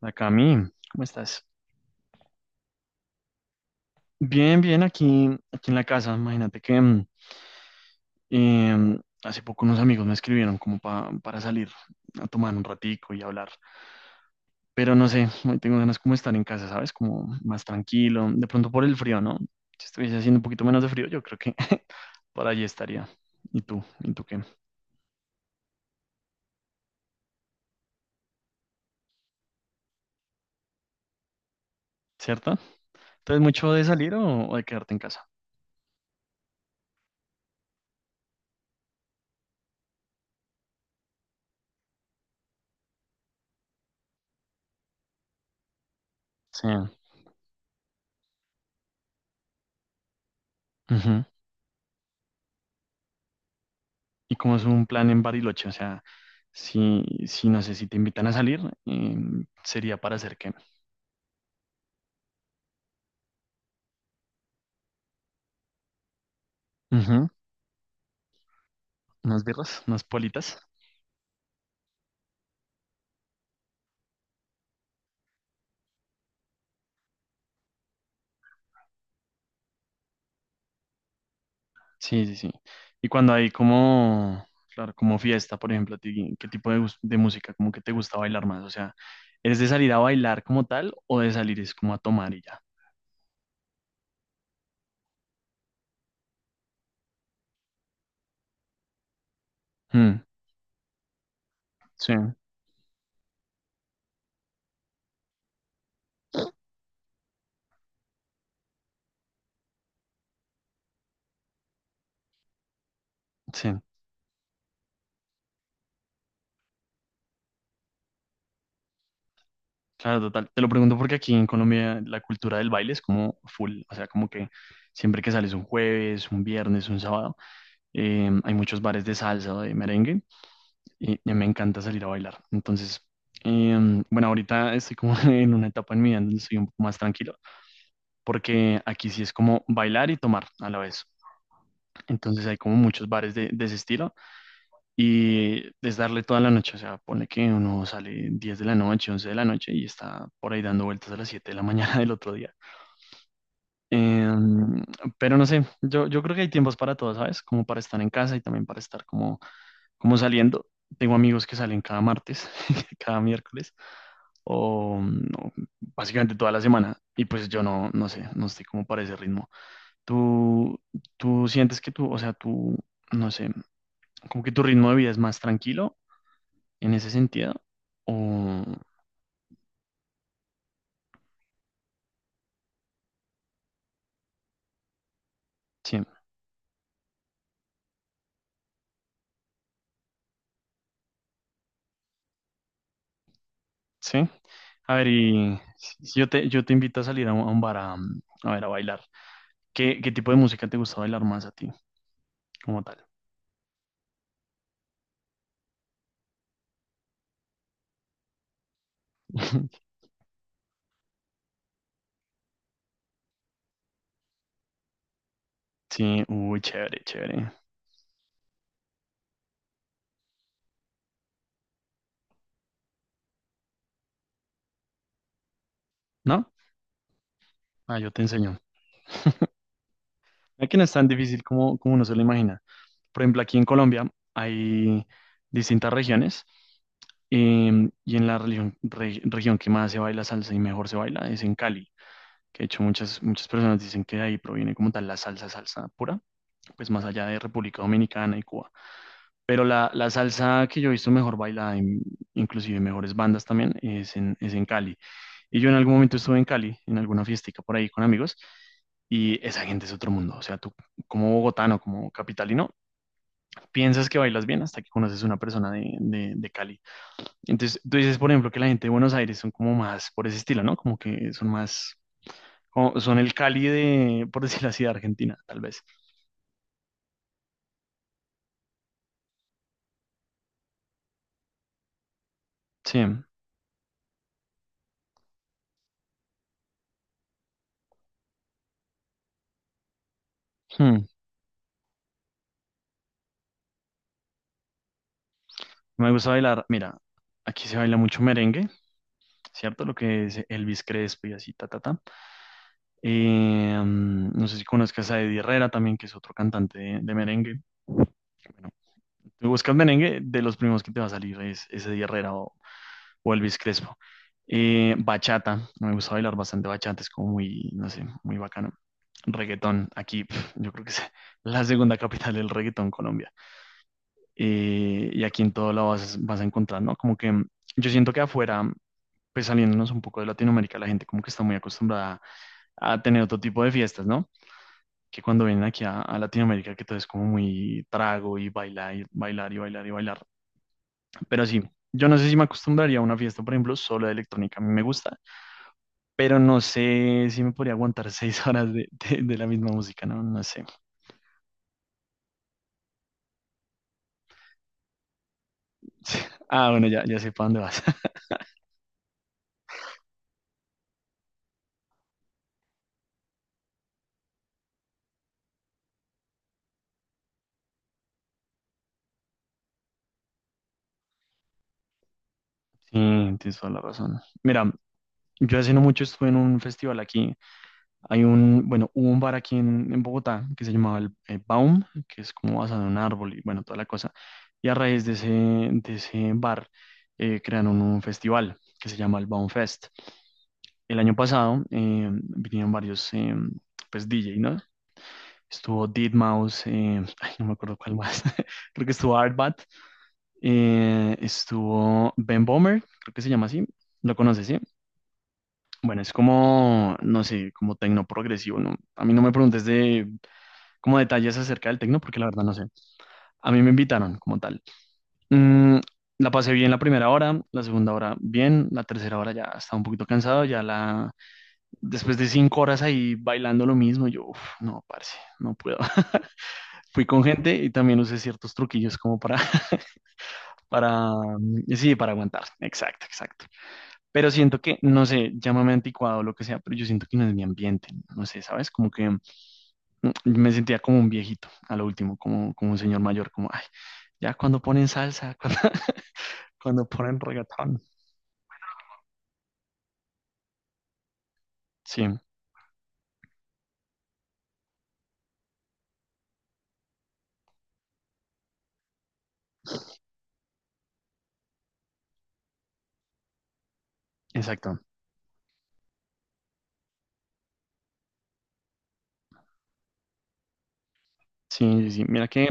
La Cami, ¿cómo estás? Bien, bien, aquí en la casa. Imagínate que hace poco unos amigos me escribieron como para salir a tomar un ratico y hablar. Pero no sé, hoy tengo ganas como de estar en casa, ¿sabes? Como más tranquilo. De pronto por el frío, ¿no? Si estuviese haciendo un poquito menos de frío, yo creo que por allí estaría. ¿Y tú? ¿Y tú qué? ¿Cierto? ¿Entonces mucho de salir o de quedarte en casa? Sí. Ujú. Y como es un plan en Bariloche, o sea, si no sé, si te invitan a salir, eh, sería para hacer qué. Ujú, unas birras, unas politas. Sí, sí, sí. Y cuando hay como, claro, como fiesta, por ejemplo, a ti, ¿qué tipo de música, como que te gusta bailar más? O sea, ¿eres de salir a bailar como tal o de salir es como a tomar y ya? Mm, sí, sí. Claro, total. Te lo pregunto porque aquí en Colombia la cultura del baile es como full, o sea, como que siempre que sales un jueves, un viernes, un sábado, hay muchos bares de salsa o de merengue y me encanta salir a bailar. Entonces, bueno, ahorita estoy como en una etapa en mi vida donde estoy un poco más tranquilo, porque aquí sí es como bailar y tomar a la vez. Entonces hay como muchos bares de ese estilo y es darle toda la noche, o sea, pone que uno sale 10 de la noche, 11 de la noche y está por ahí dando vueltas a las 7 de la mañana del otro día. Eh, pero no sé, yo creo que hay tiempos para todo, ¿sabes? Como para estar en casa y también para estar como saliendo. Tengo amigos que salen cada martes, cada miércoles, o no, básicamente toda la semana. Y pues yo no, no sé, no estoy como para ese ritmo. ¿Tú, tú sientes que tú, o sea, tú, no sé, como que tu ritmo de vida es más tranquilo en ese sentido? O sí, sí. A ver, y si yo te invito a salir a a un bar a, a ver, a bailar. ¿Qué tipo de música te gusta bailar más a ti, como tal? Sí, uy, chévere, chévere. ¿No? Ah, yo te enseño. Aquí no es tan difícil como uno se lo imagina. Por ejemplo, aquí en Colombia hay distintas regiones y en la región que más se baila salsa y mejor se baila es en Cali, que de hecho muchas, muchas personas dicen que de ahí proviene como tal la salsa, salsa pura, pues más allá de República Dominicana y Cuba. Pero la salsa que yo he visto mejor bailada, inclusive mejores bandas también, es en Cali. Y yo en algún momento estuve en Cali, en alguna fiestica por ahí con amigos, y esa gente es otro mundo. O sea, tú como bogotano, como capitalino, piensas que bailas bien hasta que conoces una persona de Cali. Entonces, tú dices, por ejemplo, que la gente de Buenos Aires son como más por ese estilo, ¿no? Como que son más, son el Cali de, por decirlo así, de Argentina, tal vez. Sí. Hmm. Me gusta bailar, mira, aquí se baila mucho merengue. ¿Cierto? Lo que es Elvis Crespo y así, ta, ta, ta. No sé si conozcas a Eddie Herrera también, que es otro cantante de merengue. Bueno, tú buscas merengue, de los primeros que te va a salir es Eddie Herrera o Elvis Crespo. Bachata, me gusta bailar bastante bachata, es como muy, no sé, muy bacano. Reggaetón, aquí pf, yo creo que es la segunda capital del reggaetón Colombia. Y aquí en todo lado vas, vas a encontrar, ¿no? Como que yo siento que afuera, pues saliéndonos un poco de Latinoamérica, la gente como que está muy acostumbrada a tener otro tipo de fiestas, ¿no? Que cuando vienen aquí a Latinoamérica, que todo es como muy trago y bailar, y bailar y bailar y bailar. Pero sí, yo no sé si me acostumbraría a una fiesta, por ejemplo, solo de electrónica, a mí me gusta, pero no sé si me podría aguantar 6 horas de la misma música, ¿no? No sé. Ah, bueno, ya, ya sé para dónde vas. Sí, tienes toda la razón. Mira, yo hace no mucho estuve en un festival aquí. Hay un, bueno, hubo un bar aquí en Bogotá que se llamaba el Baum, que es como basado en un árbol y bueno, toda la cosa. Y a raíz de ese bar crearon un festival que se llama el Baum Fest. El año pasado vinieron varios pues DJ, ¿no? Estuvo deadmau ay, no me acuerdo cuál más, creo que estuvo Artbat, estuvo Ben Bomer, creo que se llama así, lo conoces, ¿sí? Bueno, es como, no sé, como tecno progresivo, ¿no? A mí no me preguntes de como detalles acerca del tecno, porque la verdad no sé. A mí me invitaron como tal. Mm, la pasé bien la primera hora, la segunda hora bien, la tercera hora ya estaba un poquito cansado, ya la... Después de 5 horas ahí bailando lo mismo, yo, uf, no, parce, no puedo. Fui con gente y también usé ciertos truquillos como para, para, sí, para aguantar. Exacto, exacto. Pero siento que, no sé, llámame anticuado o lo que sea, pero yo siento que no es mi ambiente, no sé, ¿sabes? Como que me sentía como un viejito, a lo último, como un señor mayor, como, ay, ya cuando ponen salsa, cuando ponen reggaetón. Sí, exacto. Sí, sí, sí. Mira que,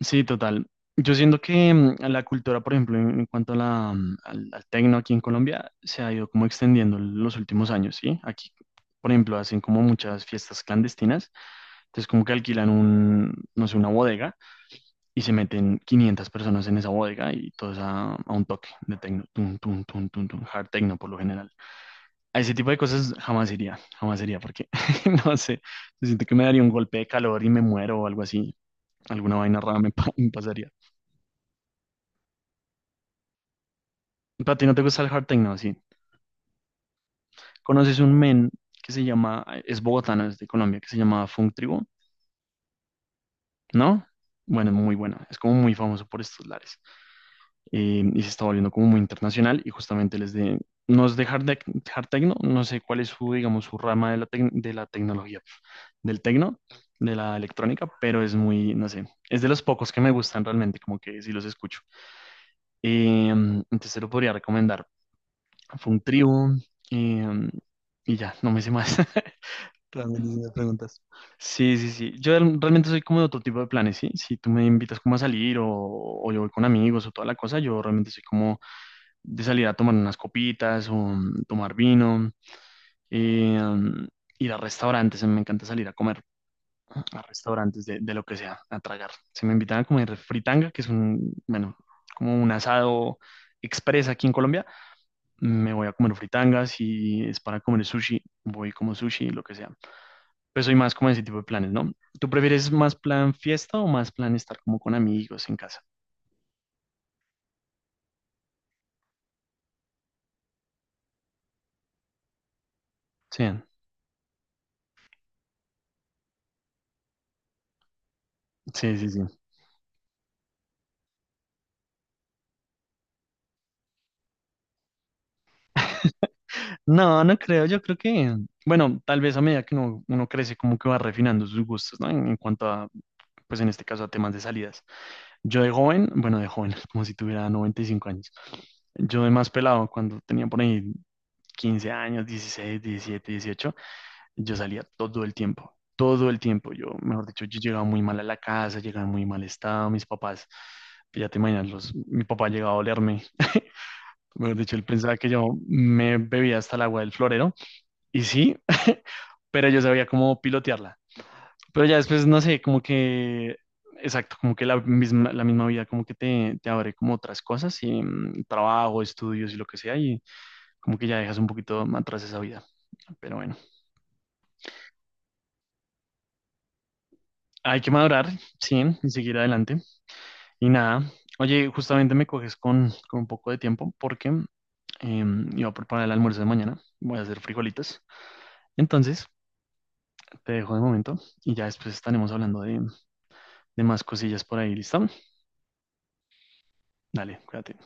sí, total. Yo siento que la cultura, por ejemplo, en cuanto a al tecno aquí en Colombia, se ha ido como extendiendo en los últimos años, ¿sí? Aquí, por ejemplo, hacen como muchas fiestas clandestinas, entonces como que alquilan un, no sé, una bodega y se meten 500 personas en esa bodega y todos a un toque de techno, tum, tum, tum, tum, tum, hard techno por lo general. A ese tipo de cosas jamás iría, jamás iría, porque no sé, siento que me daría un golpe de calor y me muero o algo así, alguna vaina rara me, me pasaría. ¿Para ti no te gusta el hard techno? Así, ¿conoces un men que se llama, es bogotano, es de Colombia, que se llama Funk Tribu? ¿No? Bueno, muy bueno, es como muy famoso por estos lares. Eh, y se está volviendo como muy internacional y justamente no es de hard, hard techno, no sé cuál es su, digamos, su rama de la tecnología, del techno, de la electrónica, pero es muy, no sé, es de los pocos que me gustan realmente, como que sí los escucho. Entonces se lo podría recomendar. Fue un trío eh, y ya, no me sé más. Realmente si me preguntas. Sí, sí, sí. Yo realmente soy como de otro tipo de planes, ¿sí? Si tú me invitas como a salir o yo voy con amigos o toda la cosa, yo realmente soy como de salir a tomar unas copitas o tomar vino, eh, mm, ir a restaurantes, me encanta salir a comer a restaurantes de lo que sea, a tragar. Se me invitan a comer fritanga, que es un, bueno, como un asado express aquí en Colombia, me voy a comer fritangas, y es para comer sushi, voy como sushi, lo que sea. Pues soy más como ese tipo de planes, ¿no? ¿Tú prefieres más plan fiesta o más plan estar como con amigos en casa? Sí, sí, sí, sí. No, no creo, yo creo que, bueno, tal vez a medida que uno crece, como que va refinando sus gustos, ¿no? En cuanto a, pues en este caso, a temas de salidas. Yo de joven, bueno, de joven, como si tuviera 95 años. Yo de más pelado, cuando tenía por ahí 15 años, 16, 17, 18, yo salía todo el tiempo, todo el tiempo. Yo, mejor dicho, yo llegaba muy mal a la casa, llegaba en muy mal estado, mis papás, ya te imaginas, los, mi papá llegaba a olerme. Mejor dicho, él pensaba que yo me bebía hasta el agua del florero y sí, pero yo sabía cómo pilotearla. Pero ya después, no sé, como que, exacto, como que la misma vida, como que te abre como otras cosas, y trabajo, estudios y lo que sea, y como que ya dejas un poquito atrás esa vida. Pero bueno, hay que madurar, sí, y seguir adelante. Y nada, oye, justamente me coges con un poco de tiempo porque iba a preparar el almuerzo de mañana, voy a hacer frijolitos. Entonces, te dejo de momento y ya después estaremos hablando de, más cosillas por ahí, ¿listo? Dale, cuídate.